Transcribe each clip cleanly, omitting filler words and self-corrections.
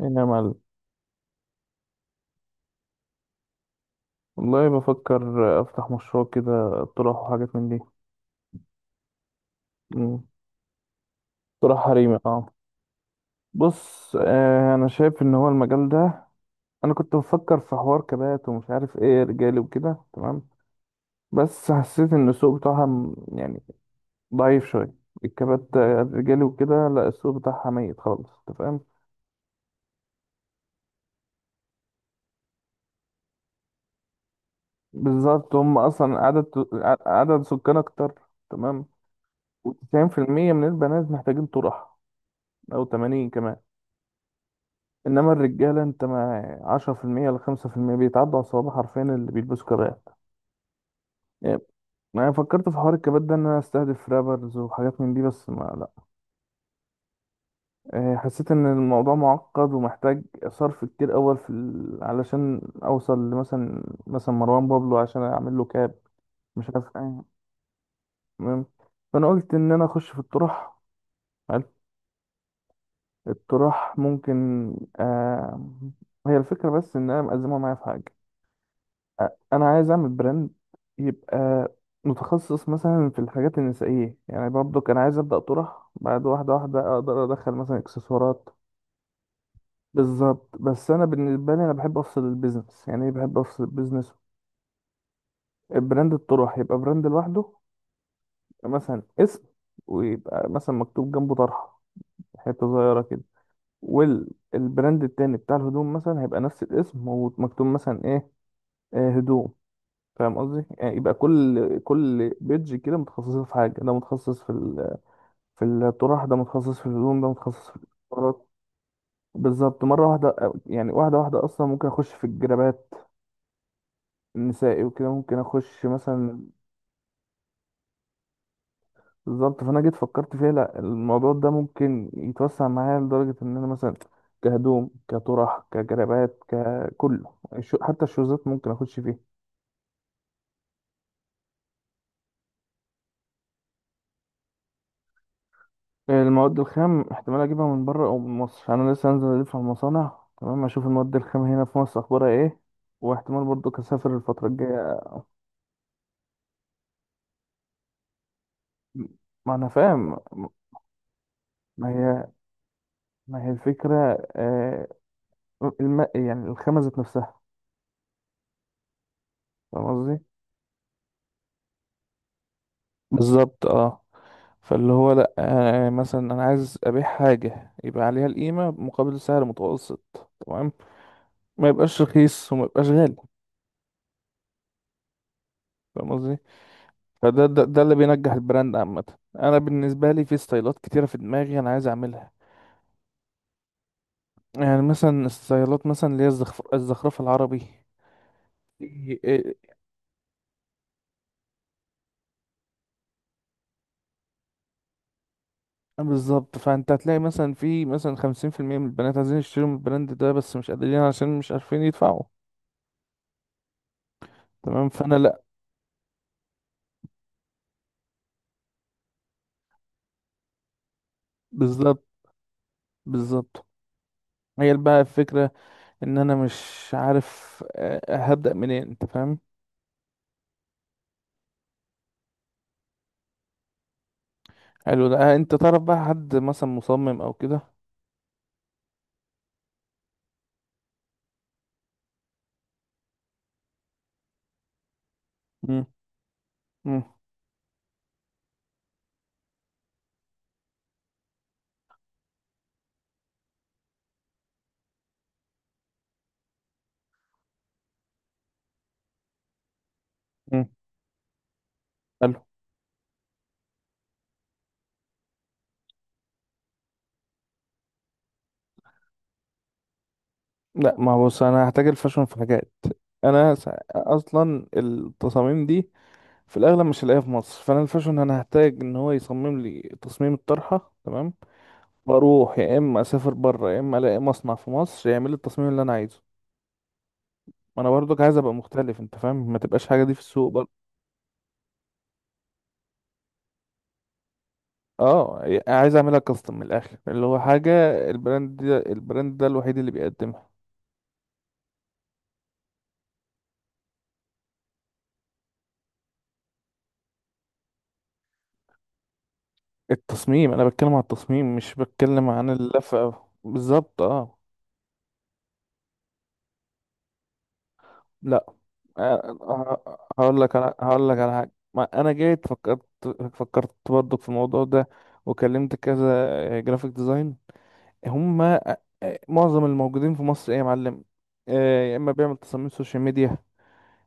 ايه يا معلم. والله، بفكر افتح مشروع كده، اقتراح وحاجات من دي. مم. اقتراح حريمي، اه. بص، انا شايف ان هو المجال ده. انا كنت بفكر في حوار كبات ومش عارف ايه، رجالي وكده، تمام. بس حسيت ان السوق بتاعها يعني ضعيف شويه. الكبات، الرجالي وكده، لا السوق بتاعها ميت خالص، انت فاهم. بالظبط، هم اصلا عدد. عدد سكان اكتر. تمام. و90% من البنات محتاجين طرح، او 80 كمان. انما الرجاله، انت ما 10% ل 5% بيتعدوا على الصوابع، حرفيا اللي بيلبسوا كبات. يعني، انا فكرت في حوار الكبات ده ان انا استهدف رابرز وحاجات من دي، بس ما، لا. حسيت ان الموضوع معقد ومحتاج صرف كتير اول علشان اوصل لمثلا مثلا مروان بابلو عشان اعمل له كاب. مش عارف ايه. المهم، فانا قلت ان انا اخش في الطرح. حلو. الطرح ممكن. آه... هي الفكره، بس ان انا مقزمها معايا في حاجه. انا عايز اعمل براند يبقى متخصص مثلا في الحاجات النسائيه، يعني برضو كان عايز ابدا طرح، بعد واحده واحده اقدر ادخل مثلا اكسسوارات. بالظبط، بس انا بالنسبه لي انا بحب افصل البيزنس. يعني إيه بحب افصل البيزنس؟ براند الطرح يبقى براند لوحده، مثلا اسم، ويبقى مثلا مكتوب جنبه طرحه، حته صغيره كده. والبراند التاني بتاع الهدوم مثلا هيبقى نفس الاسم، ومكتوب مثلا ايه، هدوم. فاهم قصدي؟ يعني يبقى كل بيدج كده متخصصه في حاجه، ده متخصص في الطرح، ده متخصص في الهدوم، ده متخصص في الاكسسوارات. بالظبط، مره واحده. يعني واحده واحده اصلا ممكن اخش في الجرابات النسائي، وكده ممكن اخش مثلا. بالظبط، فانا جيت فكرت فيها، لا الموضوع ده ممكن يتوسع معايا لدرجه ان انا مثلا كهدوم كطرح كجرابات ككله، حتى الشوزات ممكن اخش فيه. المواد الخام احتمال اجيبها من بره او من مصر، انا لسه هنزل الف على المصانع، تمام، اشوف المواد الخام هنا في مصر اخبارها ايه، واحتمال برضو اسافر الفتره الجايه. ما انا فاهم. ما هي ما هي الفكره. آه يعني الخامه ذات نفسها. فاهم قصدي؟ بالظبط، اه. فاللي هو لا، مثلا انا عايز ابيع حاجه يبقى عليها القيمه مقابل سعر متوسط، تمام. ما يبقاش رخيص وما يبقاش غالي. فاهم قصدي؟ ده اللي بينجح البراند عامة. أنا بالنسبة لي في ستايلات كتيرة في دماغي أنا عايز أعملها. يعني مثلا ستايلات مثلا اللي هي الزخرفة العربي. إيه- إيه- بالظبط، فأنت هتلاقي مثلا في مثلا 50% من البنات عايزين يشتروا من البراند ده، بس مش قادرين عشان مش عارفين يدفعوا. تمام، فأنا لأ. بالظبط. بالظبط هي بقى الفكرة، إن أنا مش عارف هبدأ منين. أنت فاهم؟ حلو ده. أنت تعرف بقى حد مثلا مصمم أو كده؟ مم. مم. مم. لا، ما بص، انا هحتاج الفاشن في حاجات. انا س- اصلا التصاميم دي في الاغلب مش هلاقيها في مصر، فانا الفاشن انا هحتاج ان هو يصمم لي تصميم الطرحه، تمام، واروح يا اما اسافر بره يا اما الاقي مصنع في مصر يعمل لي التصميم اللي انا عايزه. ما انا برضك عايز ابقى مختلف، انت فاهم، ما تبقاش حاجه دي في السوق برضه. اه، عايز اعملها كاستم من الاخر، اللي هو حاجه البراند ده، البراند ده الوحيد اللي بيقدمها. التصميم، انا بتكلم عن التصميم مش بتكلم عن اللفه، بالظبط اه. لا، هقول لك، انا هقول لك على حاجه. ما انا جيت فكرت، فكرت برضك في الموضوع ده، وكلمت كذا جرافيك ديزاين. هم آه، معظم الموجودين في مصر ايه يا معلم، يا اما بيعمل تصاميم سوشيال ميديا،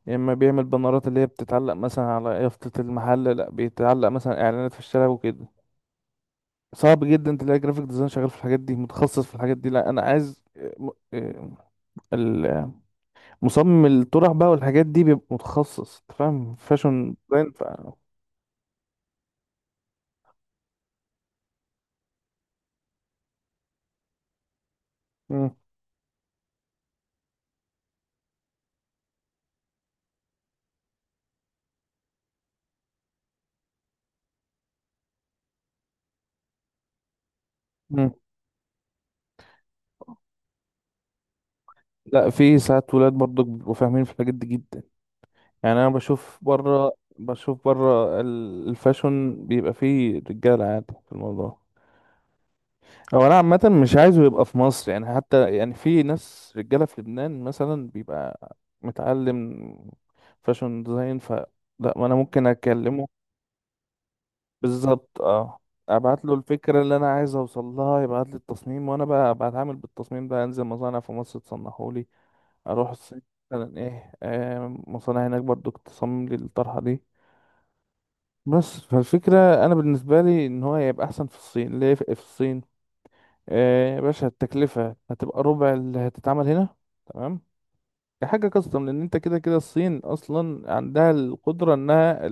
يا اما بيعمل بانرات اللي هي بتتعلق مثلا على يافطة المحل، لا بيتعلق مثلا اعلانات في الشارع وكده. صعب جدا تلاقي جرافيك ديزاين شغال في الحاجات دي، متخصص في الحاجات دي. لا انا عايز مصمم الطرح بقى، والحاجات دي بيبقى متخصص انت فاهم، فاشن ديزاين. مم. مم. لا، في ساعات ولاد برضو بيبقوا فاهمين في الحاجات دي جدا. يعني انا بشوف بره، بشوف بره الفاشن بيبقى فيه رجاله عادي في الموضوع. هو انا عامه مش عايزه يبقى في مصر، يعني حتى يعني في ناس رجاله في لبنان مثلا بيبقى متعلم فاشن ديزاين. لا، ما انا ممكن اكلمه. بالظبط، اه. ابعت له الفكره اللي انا عايز اوصل لها، يبعت لي التصميم، وانا بقى بتعامل بالتصميم ده، انزل مصانع في مصر تصنعه لي. اروح الصين مثلا ايه، مصانع هناك برضو تصمم لي الطرحه دي. بس فالفكره، انا بالنسبه لي ان هو هيبقى احسن في الصين. ليه في الصين؟ يا باشا، التكلفه هتبقى ربع اللي هتتعمل هنا. تمام، كحاجه كاستم، لان انت كده كده الصين اصلا عندها القدره انها،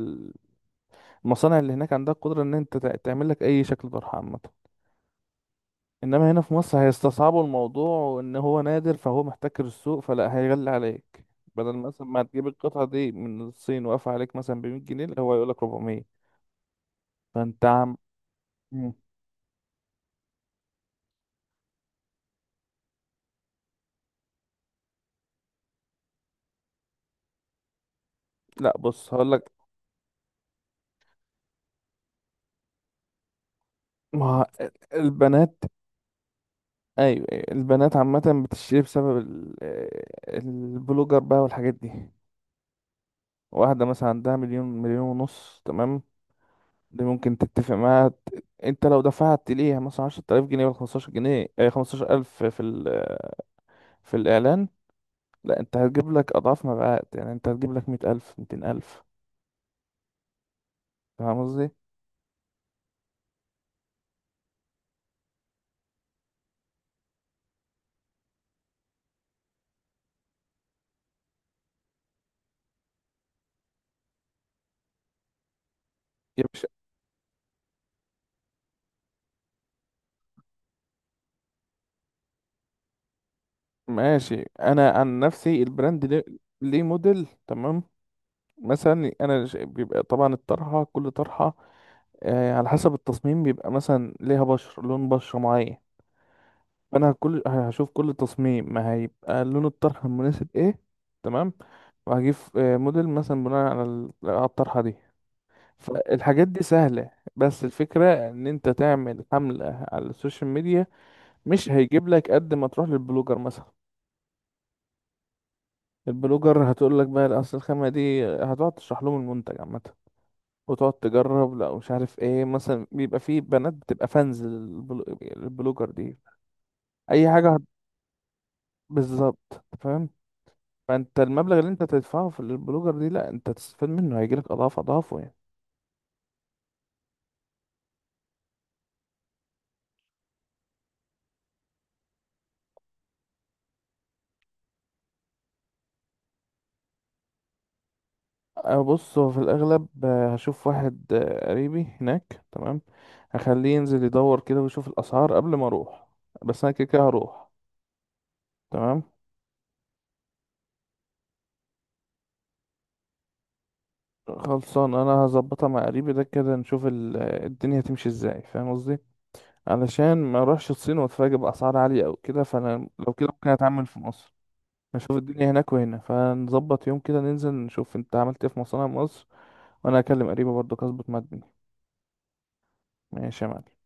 المصانع اللي هناك عندها القدره ان انت تعمل لك اي شكل طرحه عامه. انما هنا في مصر هيستصعبوا الموضوع، وان هو نادر فهو محتكر السوق، فلا، هيغلي عليك. بدل مثلا ما تجيب القطعة دي من الصين واقفة عليك مثلا ب 100 جنيه، لا، هو يقولك 400. فانت عم. مم. لا، بص هقولك، ما البنات، ايوه أيوة، البنات عامة بتشتري بسبب البلوجر بقى والحاجات دي. واحدة مثلا عندها مليون، 1.5 مليون، تمام. دي ممكن تتفق معاها. انت لو دفعت ليها مثلا 10000 جنيه ولا 15 جنيه، 15000 في الإعلان، لا، أنت هتجيب لك أضعاف ما بقى، يعني أنت هتجيب لك 100 ألف، 200 ألف. فاهم قصدي؟ يا باشا، ماشي. أنا عن نفسي البراند ليه ليه موديل؟ تمام. مثلا أنا بيبقى طبعا الطرحة، كل طرحة على حسب التصميم بيبقى مثلا ليها بشرة، لون بشرة معين. فأنا هشوف كل تصميم ما هيبقى لون الطرحة المناسب إيه. تمام. وهجيب موديل مثلا بناء على الطرحة دي. فالحاجات دي سهلة. بس الفكرة ان انت تعمل حملة على السوشيال ميديا، مش هيجيب لك قد ما تروح للبلوجر مثلا. البلوجر هتقول لك بقى اصل الخامة دي، هتقعد تشرح لهم المنتج عامة وتقعد تجرب، لا مش عارف ايه، مثلا بيبقى في بنات بتبقى فانز للبلوجر دي. اي حاجة بالظبط. أنت فاهم؟ فانت المبلغ اللي انت تدفعه في البلوجر دي، لا، انت تستفاد منه، هيجيلك اضعاف اضعافه يعني. أه، بص، هو في الأغلب هشوف واحد قريبي هناك، تمام، هخليه ينزل يدور كده ويشوف الأسعار قبل ما أروح، بس أنا كده كده هروح. تمام، خلصان. أنا هظبطها مع قريبي ده كده، نشوف الدنيا تمشي ازاي، فاهم قصدي، علشان ما أروحش الصين وأتفاجئ بأسعار عالية أو كده، فأنا لو كده ممكن أتعامل في مصر. نشوف الدنيا هناك وهنا، فنظبط يوم كده ننزل نشوف أنت عملت إيه في مصانع مصر، وأنا هكلم قريبي برضه أظبط مع الدنيا. ماشي يا معلم.